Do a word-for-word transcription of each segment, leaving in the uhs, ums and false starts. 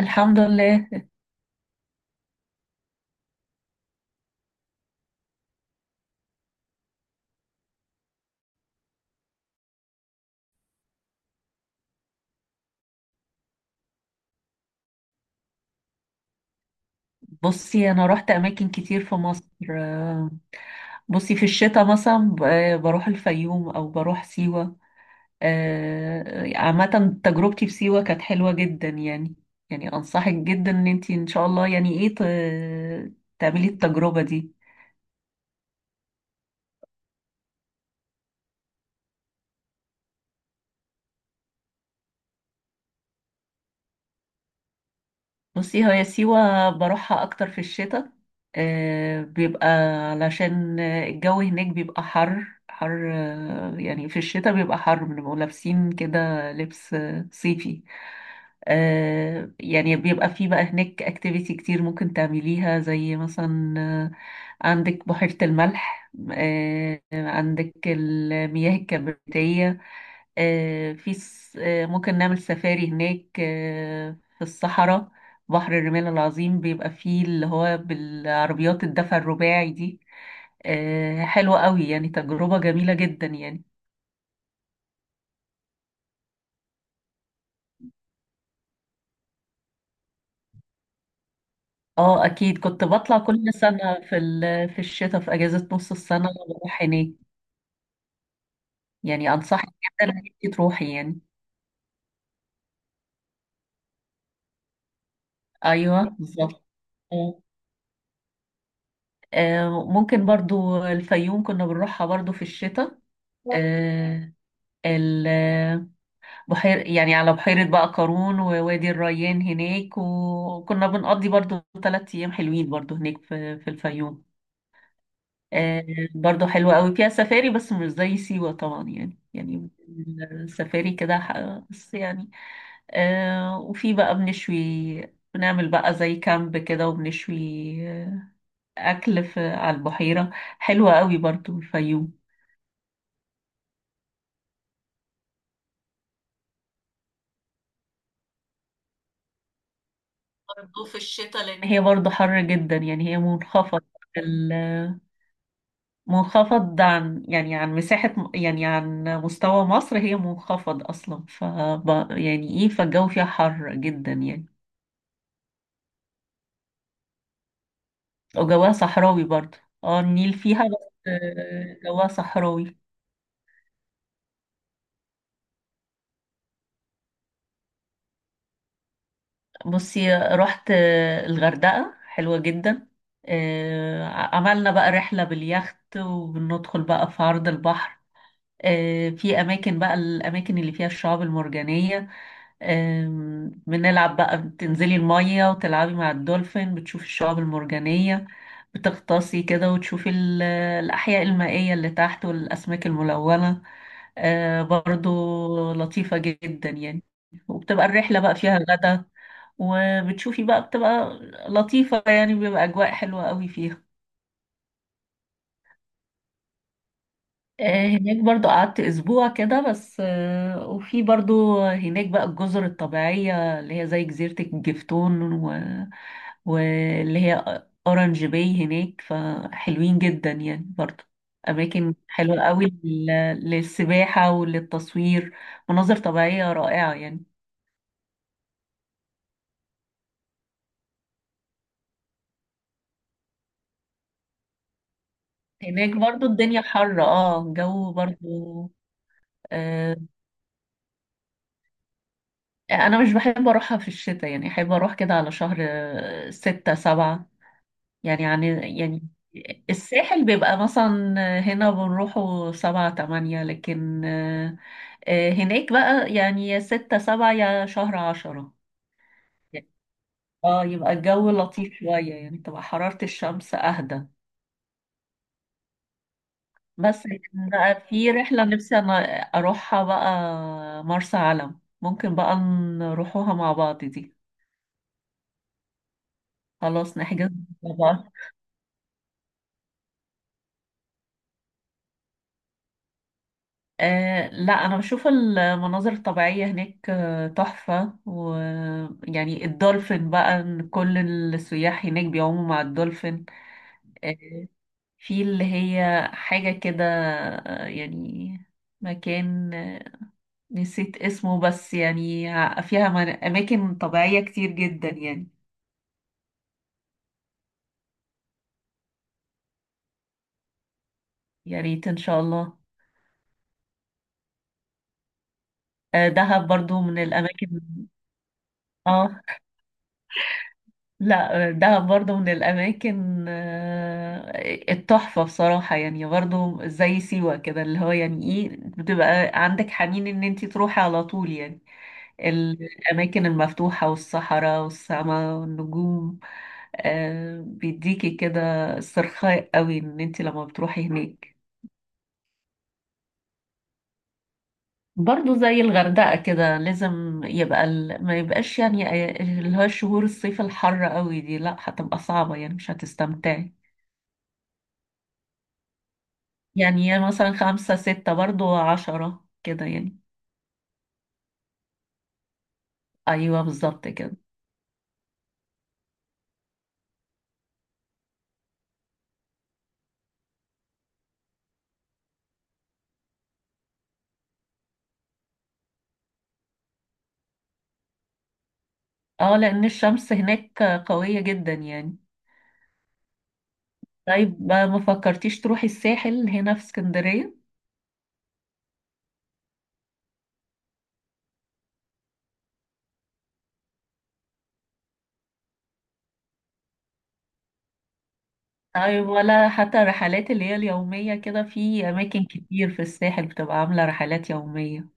الحمد لله. بصي انا رحت اماكن كتير في مصر. آه، بصي في الشتاء مثلا ب- آه، بروح الفيوم او بروح سيوة. آه، عامة تجربتي في سيوة كانت حلوة جدا يعني يعني انصحك جدا ان انتي ان شاء الله يعني ايه ت- تعملي التجربة دي. بصي هي سيوة بروحها أكتر في الشتاء. آه، بيبقى علشان الجو هناك بيبقى حر حر. آه، يعني في الشتاء بيبقى حر بنبقوا لابسين كده لبس آه، صيفي. آه، يعني بيبقى في بقى هناك اكتيفيتي كتير ممكن تعمليها زي مثلا آه، عندك بحيرة الملح. آه، عندك المياه الكبريتية. آه، في س- آه، ممكن نعمل سفاري هناك آه، في الصحراء. بحر الرمال العظيم بيبقى فيه اللي هو بالعربيات الدفع الرباعي دي. آه، حلوة قوي يعني، تجربة جميلة جدا يعني. اه، اكيد كنت بطلع كل سنة في ال- في الشتاء في اجازة نص السنة بروح هناك. يعني انصحك جدا انك أنت تروحي يعني. ايوه، بالظبط. آه. آه، ممكن برضو الفيوم كنا بنروحها برضو في الشتاء. آه، ال- بحير يعني على بحيرة بقى قارون ووادي الريان هناك، وكنا بنقضي برضو ثلاث أيام حلوين برضو هناك في, في الفيوم. آه برضو حلوة قوي، فيها سفاري بس مش زي سيوة طبعا يعني يعني السفاري كده ح- بس يعني. آه وفي بقى بنشوي. بنعمل بقى زي كامب كده وبنشوي آه، أكل في على البحيرة. حلوة قوي برضو الفيوم. برضو في الشتاء، لأن هي برضو حر جدا يعني، هي منخفضة، منخفض عن يعني عن مساحة، يعني عن مستوى مصر، هي منخفض أصلا، ف يعني إيه، فالجو فيها حر جدا يعني. وجواها صحراوي برضه. اه، النيل فيها، بس آه، جواها صحراوي. بصي رحت آه، الغردقة، حلوة جدا. آه، عملنا بقى رحلة باليخت، وبندخل بقى في عرض البحر. آه، في أماكن بقى الأماكن اللي فيها الشعاب المرجانية. آم، بنلعب بقى، بتنزلي المية وتلعبي مع الدولفين، بتشوفي الشعاب المرجانية، بتغطاسي كده وتشوفي ال- الأحياء المائية اللي تحت والأسماك الملونة. آه، برضو لطيفة جدا يعني. وبتبقى الرحلة بقى فيها غدا، وبتشوفي بقى، بتبقى لطيفة يعني، بيبقى أجواء حلوة قوي فيها. آه، هناك برضو قعدت أسبوع كده بس. آه، وفي برضو هناك بقى الجزر الطبيعية، اللي هي زي جزيرة الجفتون، و... واللي هي أورانج باي هناك، فحلوين جدا يعني برضو، أماكن حلوة قوي لل- للسباحة وللتصوير، مناظر طبيعية رائعة يعني. هناك برضو الدنيا حر، اه الجو برضو. آه، أنا مش بحب أروحها في الشتاء يعني، أحب أروح كده على شهر آه، ستة سبعة يعني. يعني يعني الساحل بيبقى مثلا هنا بنروحه سبعة تمانية، لكن آه، آه، هناك بقى يعني يا ستة سبعة يا شهر عشرة يعني. اه، يبقى الجو لطيف شوية يعني، تبقى حرارة الشمس أهدى. بس لكن بقى في رحلة نفسي أنا أروحها بقى، مرسى علم، ممكن بقى نروحوها مع بعض دي. خلاص نحجز مع بعض. آه لا، انا بشوف المناظر الطبيعيه هناك آه، تحفه، ويعني الدولفين بقى، إن كل السياح هناك بيعوموا مع الدولفين. آه، في اللي هي حاجه كده. آه، يعني مكان آه، نسيت اسمه، بس يعني ع- فيها من- اماكن طبيعيه كتير جدا يعني. يا ريت ان شاء الله. آه، دهب برضو من الاماكن. اه، لا، دهب برضه من الأماكن آه، التحفة بصراحة يعني، برضه زي سيوة كده، اللي هو يعني ايه، بتبقى عندك حنين ان انتي تروحي على طول يعني. الأماكن المفتوحة والصحراء والسماء والنجوم. آه، بيديكي كده استرخاء قوي ان انتي لما بتروحي هناك. برضه زي الغردقة كده، لازم يبقى ال... ما يبقاش يعني آه، اللي هو شهور الصيف الحر قوي دي، لا هتبقى صعبة يعني، مش هتستمتعي. يعني هي مثلا خمسة ستة، برضو عشرة كده يعني. أيوة، بالظبط كده. اه، لأن الشمس هناك قوية جدا يعني. طيب ما ما فكرتيش تروحي الساحل هنا في اسكندرية؟ طيب ولا حتى الرحلات اللي هي اليومية كده، في أماكن كتير في الساحل بتبقى عاملة رحلات يومية.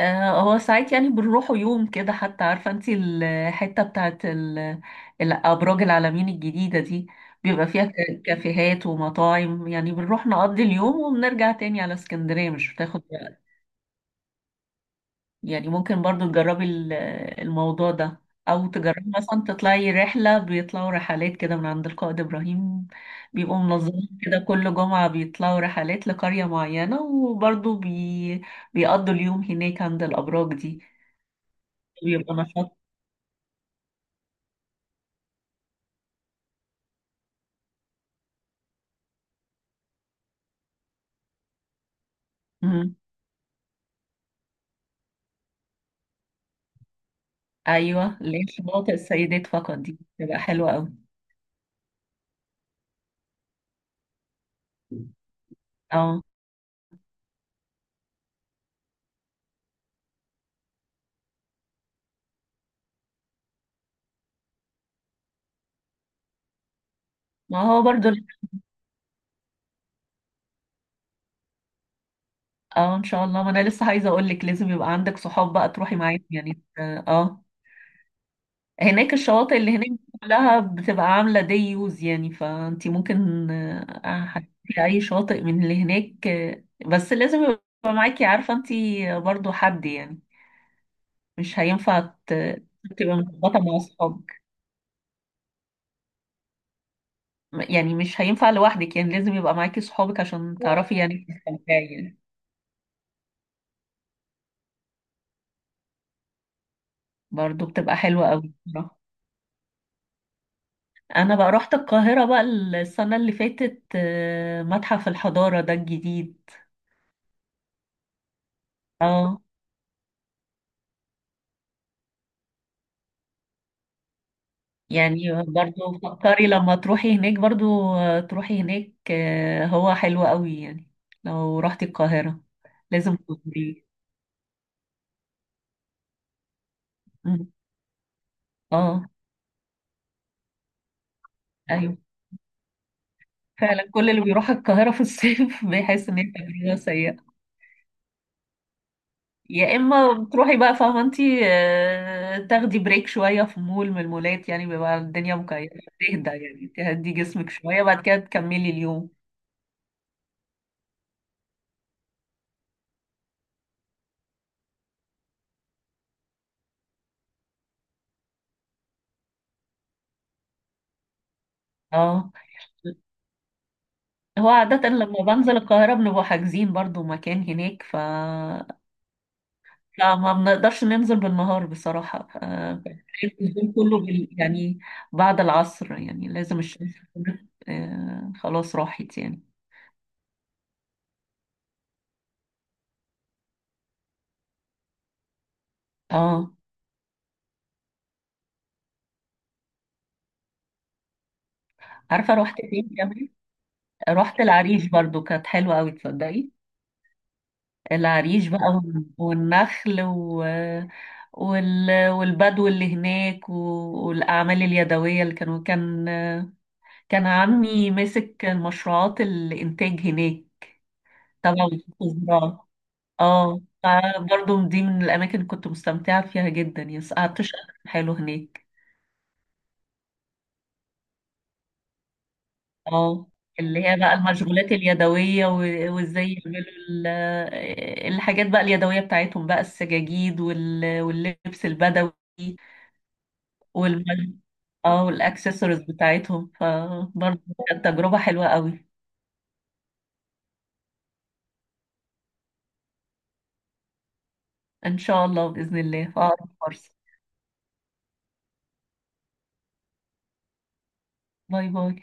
آه، هو ساعات يعني بنروحوا يوم كده، حتى عارفة انتي الحتة بتاعت ال- الأبراج العلمين الجديدة دي، بيبقى فيها ك- كافيهات ومطاعم، يعني بنروح نقضي اليوم وبنرجع تاني على اسكندرية، مش بتاخد وقت. يعني ممكن برضو تجربي ال- الموضوع ده. أو تجربي مثلا تطلعي رحلة، بيطلعوا رحلات كده من عند القائد إبراهيم، بيبقوا منظمين كده، كل جمعة بيطلعوا رحلات لقرية معينة، وبرضو بي... بيقضوا اليوم هناك عند الأبراج دي، بيبقى نشاط. مم. ايوه، ليه شواطئ السيدات فقط دي تبقى حلوه قوي. اه، ما هو برضو. اه، ان شاء الله، ما انا لسه عايزه اقول لك لازم يبقى عندك صحاب بقى تروحي معاهم يعني، اه. هناك الشواطئ اللي هناك كلها بتبقى عامله دي يوز يعني، فانت ممكن آه، هتروحي اي شاطئ من اللي هناك آه، بس لازم يبقى معاكي، عارفه انت، برضو حد يعني. مش هينفع ت- تبقى مرتبطه مع اصحابك، يعني مش هينفع لوحدك، يعني لازم يبقى معاكي صحابك عشان تعرفي يعني تستمتعي يعني. برضه بتبقى حلوة قوي بصراحة. انا بقى رحت القاهرة بقى السنة اللي فاتت، آه، متحف الحضارة ده الجديد. اه، يعني برضه فكري لما تروحي هناك برضه، آه، تروحي هناك آه، هو حلو قوي يعني، لو رحتي القاهرة لازم تزوريه. مم. اه، ايوه، فعلا كل اللي بيروح القاهرة في الصيف بيحس ان هي تجربة سيئة. يا اما بتروحي بقى، فاهمه انت، تاخدي بريك شويه في مول من المولات، يعني بيبقى الدنيا مكيفه تهدى، يعني تهدي جسمك شويه بعد كده تكملي اليوم. اه، هو عادة لما بنزل القاهرة بنبقى حاجزين برضو مكان هناك، ف... فما بنقدرش ننزل بالنهار بصراحة، ف... اليوم كله بال... يعني بعد العصر، يعني لازم الشمس تكون آه، خلاص راحت يعني. اه، عارفة رحت فين كمان؟ رحت العريش برضو، كانت حلوة أوي تصدقي. العريش بقى، والنخل، و... وال... والبدو اللي هناك، و... والأعمال اليدوية، اللي كانوا كان كان عمي ماسك المشروعات الإنتاج هناك، تبع وزارة الزراعة. اه، فبرضه دي من الأماكن اللي كنت مستمتعة فيها جدا يعني، قعدت شهر حلو هناك. اه، اللي هي بقى المشغولات اليدوية، و- وازاي يعملوا ال- الحاجات بقى اليدوية بتاعتهم بقى، السجاجيد وال- واللبس البدوي والم... اه، والاكسسوارز بتاعتهم، فبرضه كانت تجربة حلوة قوي. ان شاء الله بإذن الله في اقرب فرصة. باي باي.